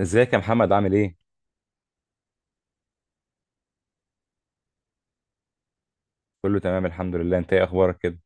ازيك يا محمد عامل ايه؟ كله تمام الحمد لله، انت ايه اخبارك كده؟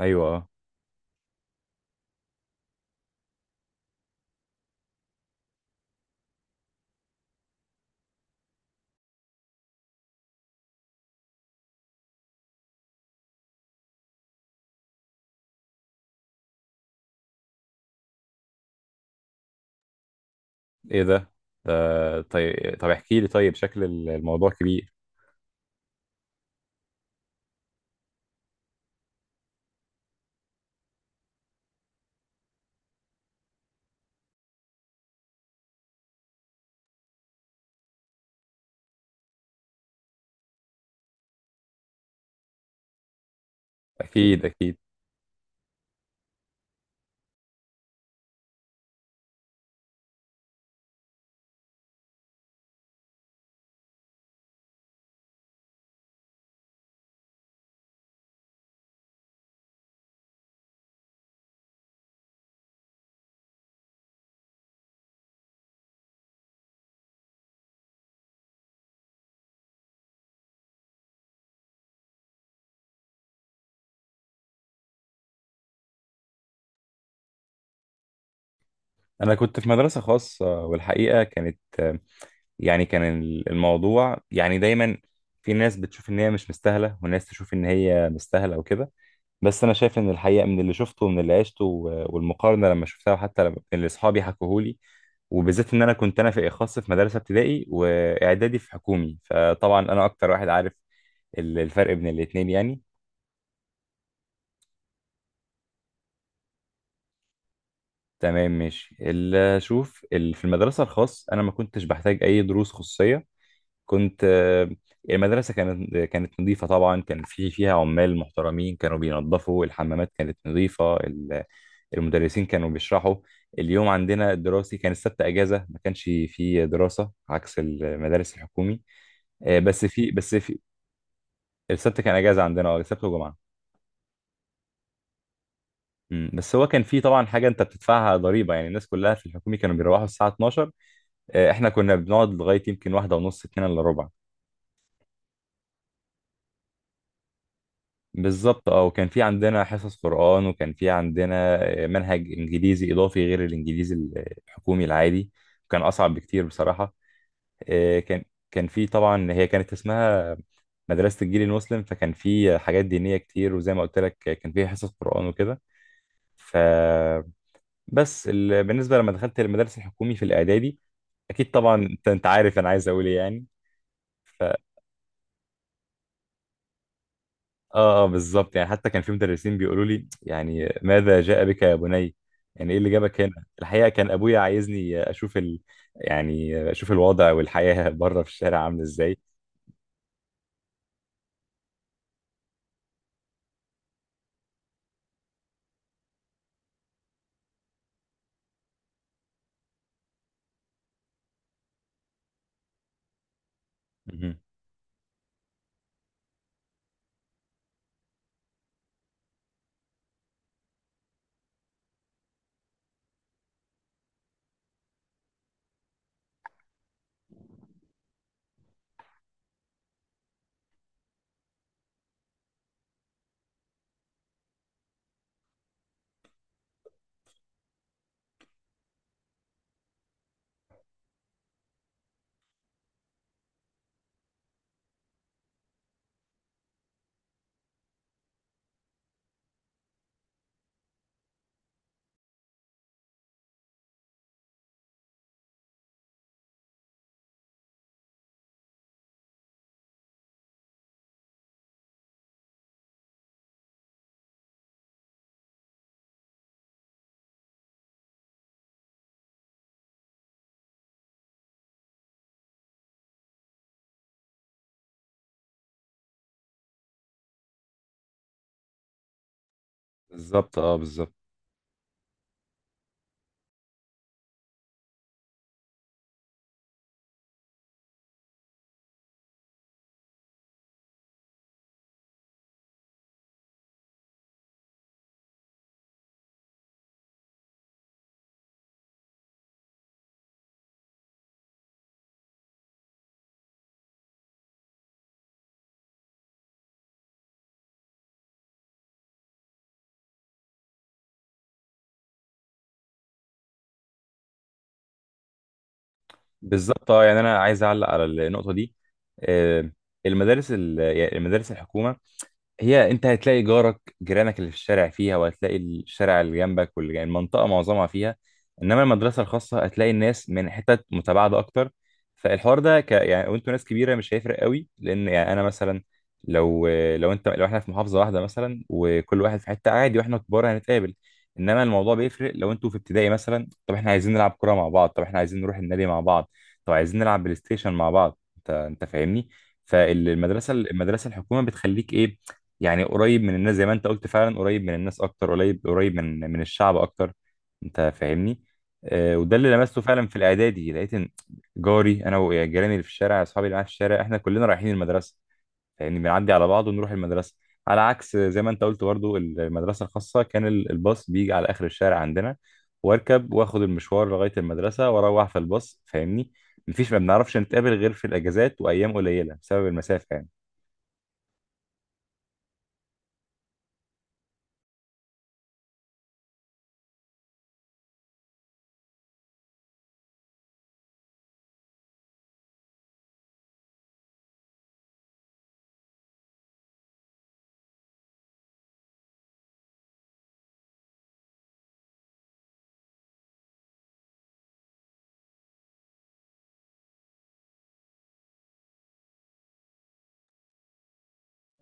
ايوه اه. ايه ده؟ ده طيب، طب احكي لي، طيب شكل الموضوع كبير. اكيد اكيد. انا كنت في مدرسة خاصة، والحقيقة كانت يعني كان الموضوع يعني دايما في ناس بتشوف ان هي مش مستاهلة وناس تشوف ان هي مستاهلة وكده. بس انا شايف ان الحقيقه من اللي شفته ومن اللي عشته والمقارنه لما شفتها، وحتى لما اللي اصحابي حكوهولي، وبالذات ان انا كنت انا في اخص في مدرسه ابتدائي واعدادي في حكومي، فطبعا انا اكتر واحد عارف الفرق بين الاتنين يعني. تمام ماشي. شوف، في المدرسه الخاص انا ما كنتش بحتاج اي دروس خصوصيه. كنت المدرسه كانت نظيفه، طبعا كان في فيها عمال محترمين كانوا بينظفوا الحمامات، كانت نظيفه. المدرسين كانوا بيشرحوا. اليوم عندنا الدراسي كان السبت اجازه، ما كانش فيه دراسه عكس المدارس الحكومي. بس في السبت كان اجازه عندنا، اه السبت وجمعه. مم. بس هو كان فيه طبعا حاجه انت بتدفعها ضريبه، يعني الناس كلها في الحكومي كانوا بيروحوا الساعه 12، احنا كنا بنقعد لغايه يمكن واحده ونص، اتنين الا ربع. بالظبط اه. وكان في عندنا حصص قرآن، وكان في عندنا منهج انجليزي اضافي غير الانجليزي الحكومي العادي. كان اصعب بكتير بصراحه. كان كان في طبعا، هي كانت اسمها مدرسة الجيل المسلم، فكان في حاجات دينية كتير، وزي ما قلت لك كان في حصص قرآن وكده. فبس. بالنسبة لما دخلت المدرسة الحكومي في الإعدادي أكيد طبعا. أنت عارف أنا عايز أقول إيه يعني. ف... آه آه بالظبط. يعني حتى كان في مدرسين بيقولوا لي يعني ماذا جاء بك يا بني، يعني إيه اللي جابك هنا. الحقيقة كان أبويا عايزني أشوف يعني أشوف الوضع والحياة بره في الشارع عامل إزاي. مهم. بالظبط اه. بالظبط. بالظبط اه. يعني انا عايز اعلق على النقطه دي. آه، المدارس يعني المدارس الحكومه، هي انت هتلاقي جارك، جيرانك اللي في الشارع فيها، وهتلاقي الشارع اللي جنبك واللي جنب المنطقه معظمها فيها. انما المدرسه الخاصه هتلاقي الناس من حتت متباعده اكتر. فالحوار ده يعني وانتوا ناس كبيره مش هيفرق قوي، لان يعني انا مثلا لو انت، لو احنا في محافظه واحده مثلا وكل واحد في حته عادي واحنا كبار هنتقابل. انما الموضوع بيفرق لو انتوا في ابتدائي مثلا، طب احنا عايزين نلعب كوره مع بعض، طب احنا عايزين نروح النادي مع بعض، طب عايزين نلعب بلاي ستيشن مع بعض. انت فاهمني. فالمدرسه الحكومه بتخليك ايه، يعني قريب من الناس، زي ما انت قلت فعلا قريب من الناس اكتر، قريب قريب من الشعب اكتر. انت فاهمني. وده اللي لمسته فعلا في الاعدادي. لقيت ان جاري انا وجيراني اللي في الشارع، اصحابي اللي معايا في الشارع، احنا كلنا رايحين المدرسه. فاهمني، بنعدي على بعض ونروح المدرسه. على عكس زي ما انت قلت برضو، المدرسه الخاصه كان الباص بيجي على اخر الشارع عندنا، واركب واخد المشوار لغايه المدرسه واروح في الباص. فاهمني، مفيش، ما بنعرفش نتقابل غير في الاجازات وايام قليله بسبب المسافه يعني.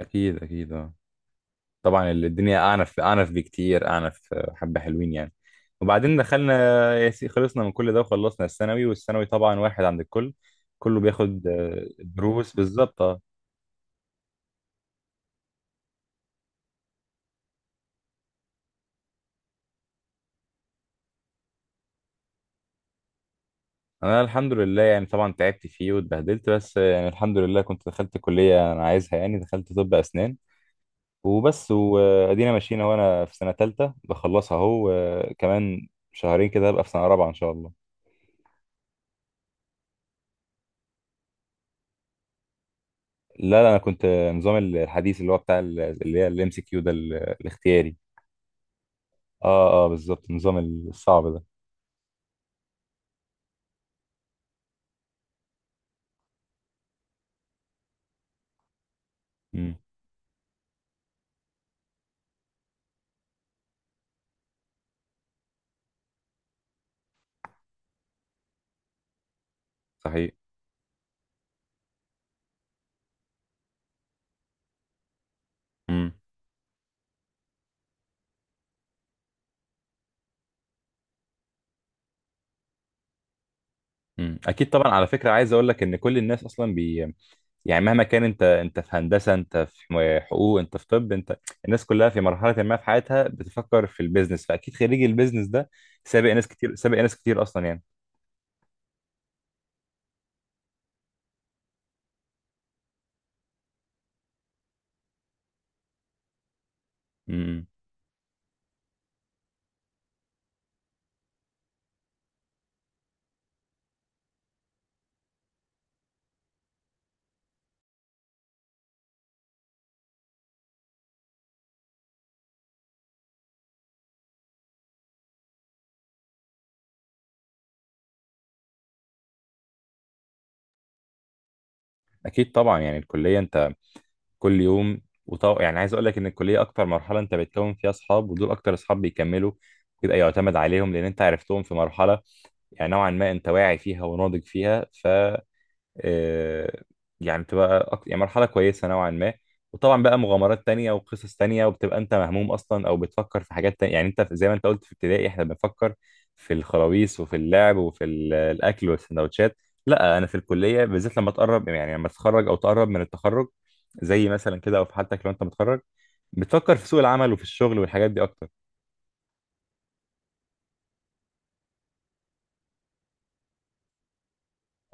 اكيد اكيد اه. طبعا الدنيا أعنف أعنف بكتير، أعنف حبة حلوين يعني. وبعدين دخلنا خلصنا من كل ده، وخلصنا الثانوي. والثانوي طبعا واحد عند الكل، كله بياخد دروس، بالظبط اه. أنا الحمد لله يعني طبعا تعبت فيه واتبهدلت، بس يعني الحمد لله كنت دخلت كلية أنا عايزها، يعني دخلت طب أسنان. وبس، وأدينا ماشيين أهو، أنا في سنة تالتة بخلصها أهو، كمان شهرين كده هبقى في سنة رابعة إن شاء الله. لا لا، أنا كنت نظام الحديث، اللي هو بتاع اللي هي الام سي كيو ده الاختياري. اه اه بالظبط، النظام الصعب ده. امم. صحيح. امم. امم. اكيد طبعا. على فكره عايز اقول لك ان كل الناس اصلا بي، يعني مهما كان انت، انت في هندسه، انت في حقوق، انت في طب، انت الناس كلها في مرحله ما في حياتها بتفكر في البيزنس، فاكيد خريج البيزنس ده سابق ناس كتير، سابق ناس كتير اصلا يعني. امم. اكيد طبعا. يعني الكليه انت كل يوم، يعني عايز اقول لك ان الكليه اكتر مرحله انت بتكون فيها اصحاب، ودول اكتر اصحاب بيكملوا، بيبقى يعتمد عليهم، لان انت عرفتهم في مرحله يعني نوعا ما انت واعي فيها وناضج فيها. ف آه، يعني يعني مرحلة كويسة نوعا ما. وطبعا بقى مغامرات تانية وقصص تانية، وبتبقى انت مهموم اصلا او بتفكر في حاجات تانية. يعني انت زي ما انت قلت في ابتدائي احنا بنفكر في الخراويص وفي اللعب وفي الاكل والسندوتشات. لا انا في الكلية بالذات لما تقرب، يعني لما تتخرج او تقرب من التخرج زي مثلا كده، او في حالتك لو انت متخرج بتفكر في سوق العمل وفي الشغل والحاجات دي اكتر.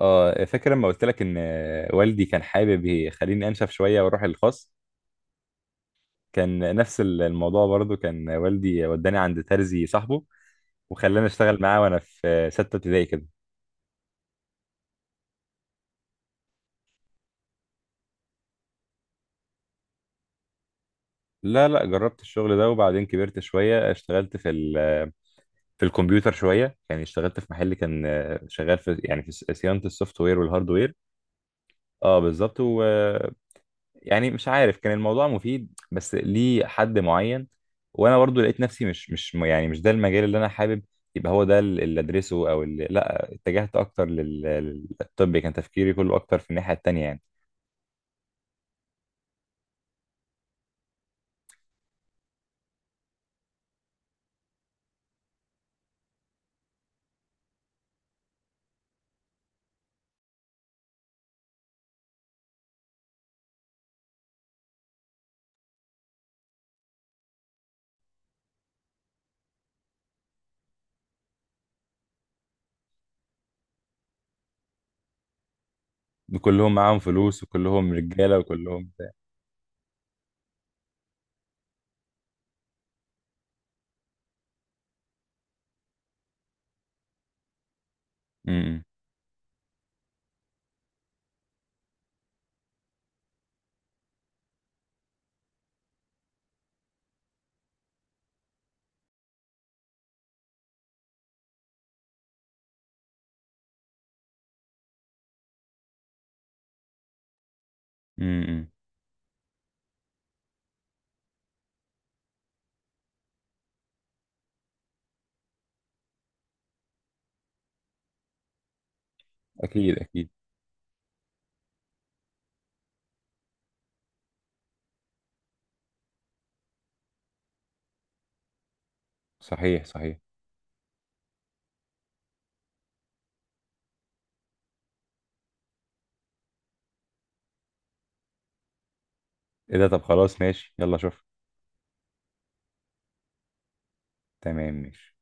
اه فاكر لما قلت لك ان والدي كان حابب يخليني انشف شويه واروح الخاص. كان نفس الموضوع برضو، كان والدي وداني عند ترزي صاحبه، وخلاني اشتغل معاه وانا في سته ابتدائي كده. لا لا، جربت الشغل ده، وبعدين كبرت شويه اشتغلت في في الكمبيوتر شويه، يعني اشتغلت في محل كان شغال في يعني في صيانه السوفت وير والهارد وير. اه بالظبط يعني مش عارف كان الموضوع مفيد بس ليه حد معين. وانا برضو لقيت نفسي مش يعني مش ده المجال اللي انا حابب يبقى هو ده اللي ادرسه، او اللي، لا اتجهت اكتر للطب. كان تفكيري كله اكتر في الناحية التانية يعني. كلهم معاهم فلوس وكلهم رجالة وكلهم بتاع. امم. امم. اكيد اكيد. صحيح صحيح. ايه ده؟ طب خلاص ماشي، يلا شوف. تمام ماشي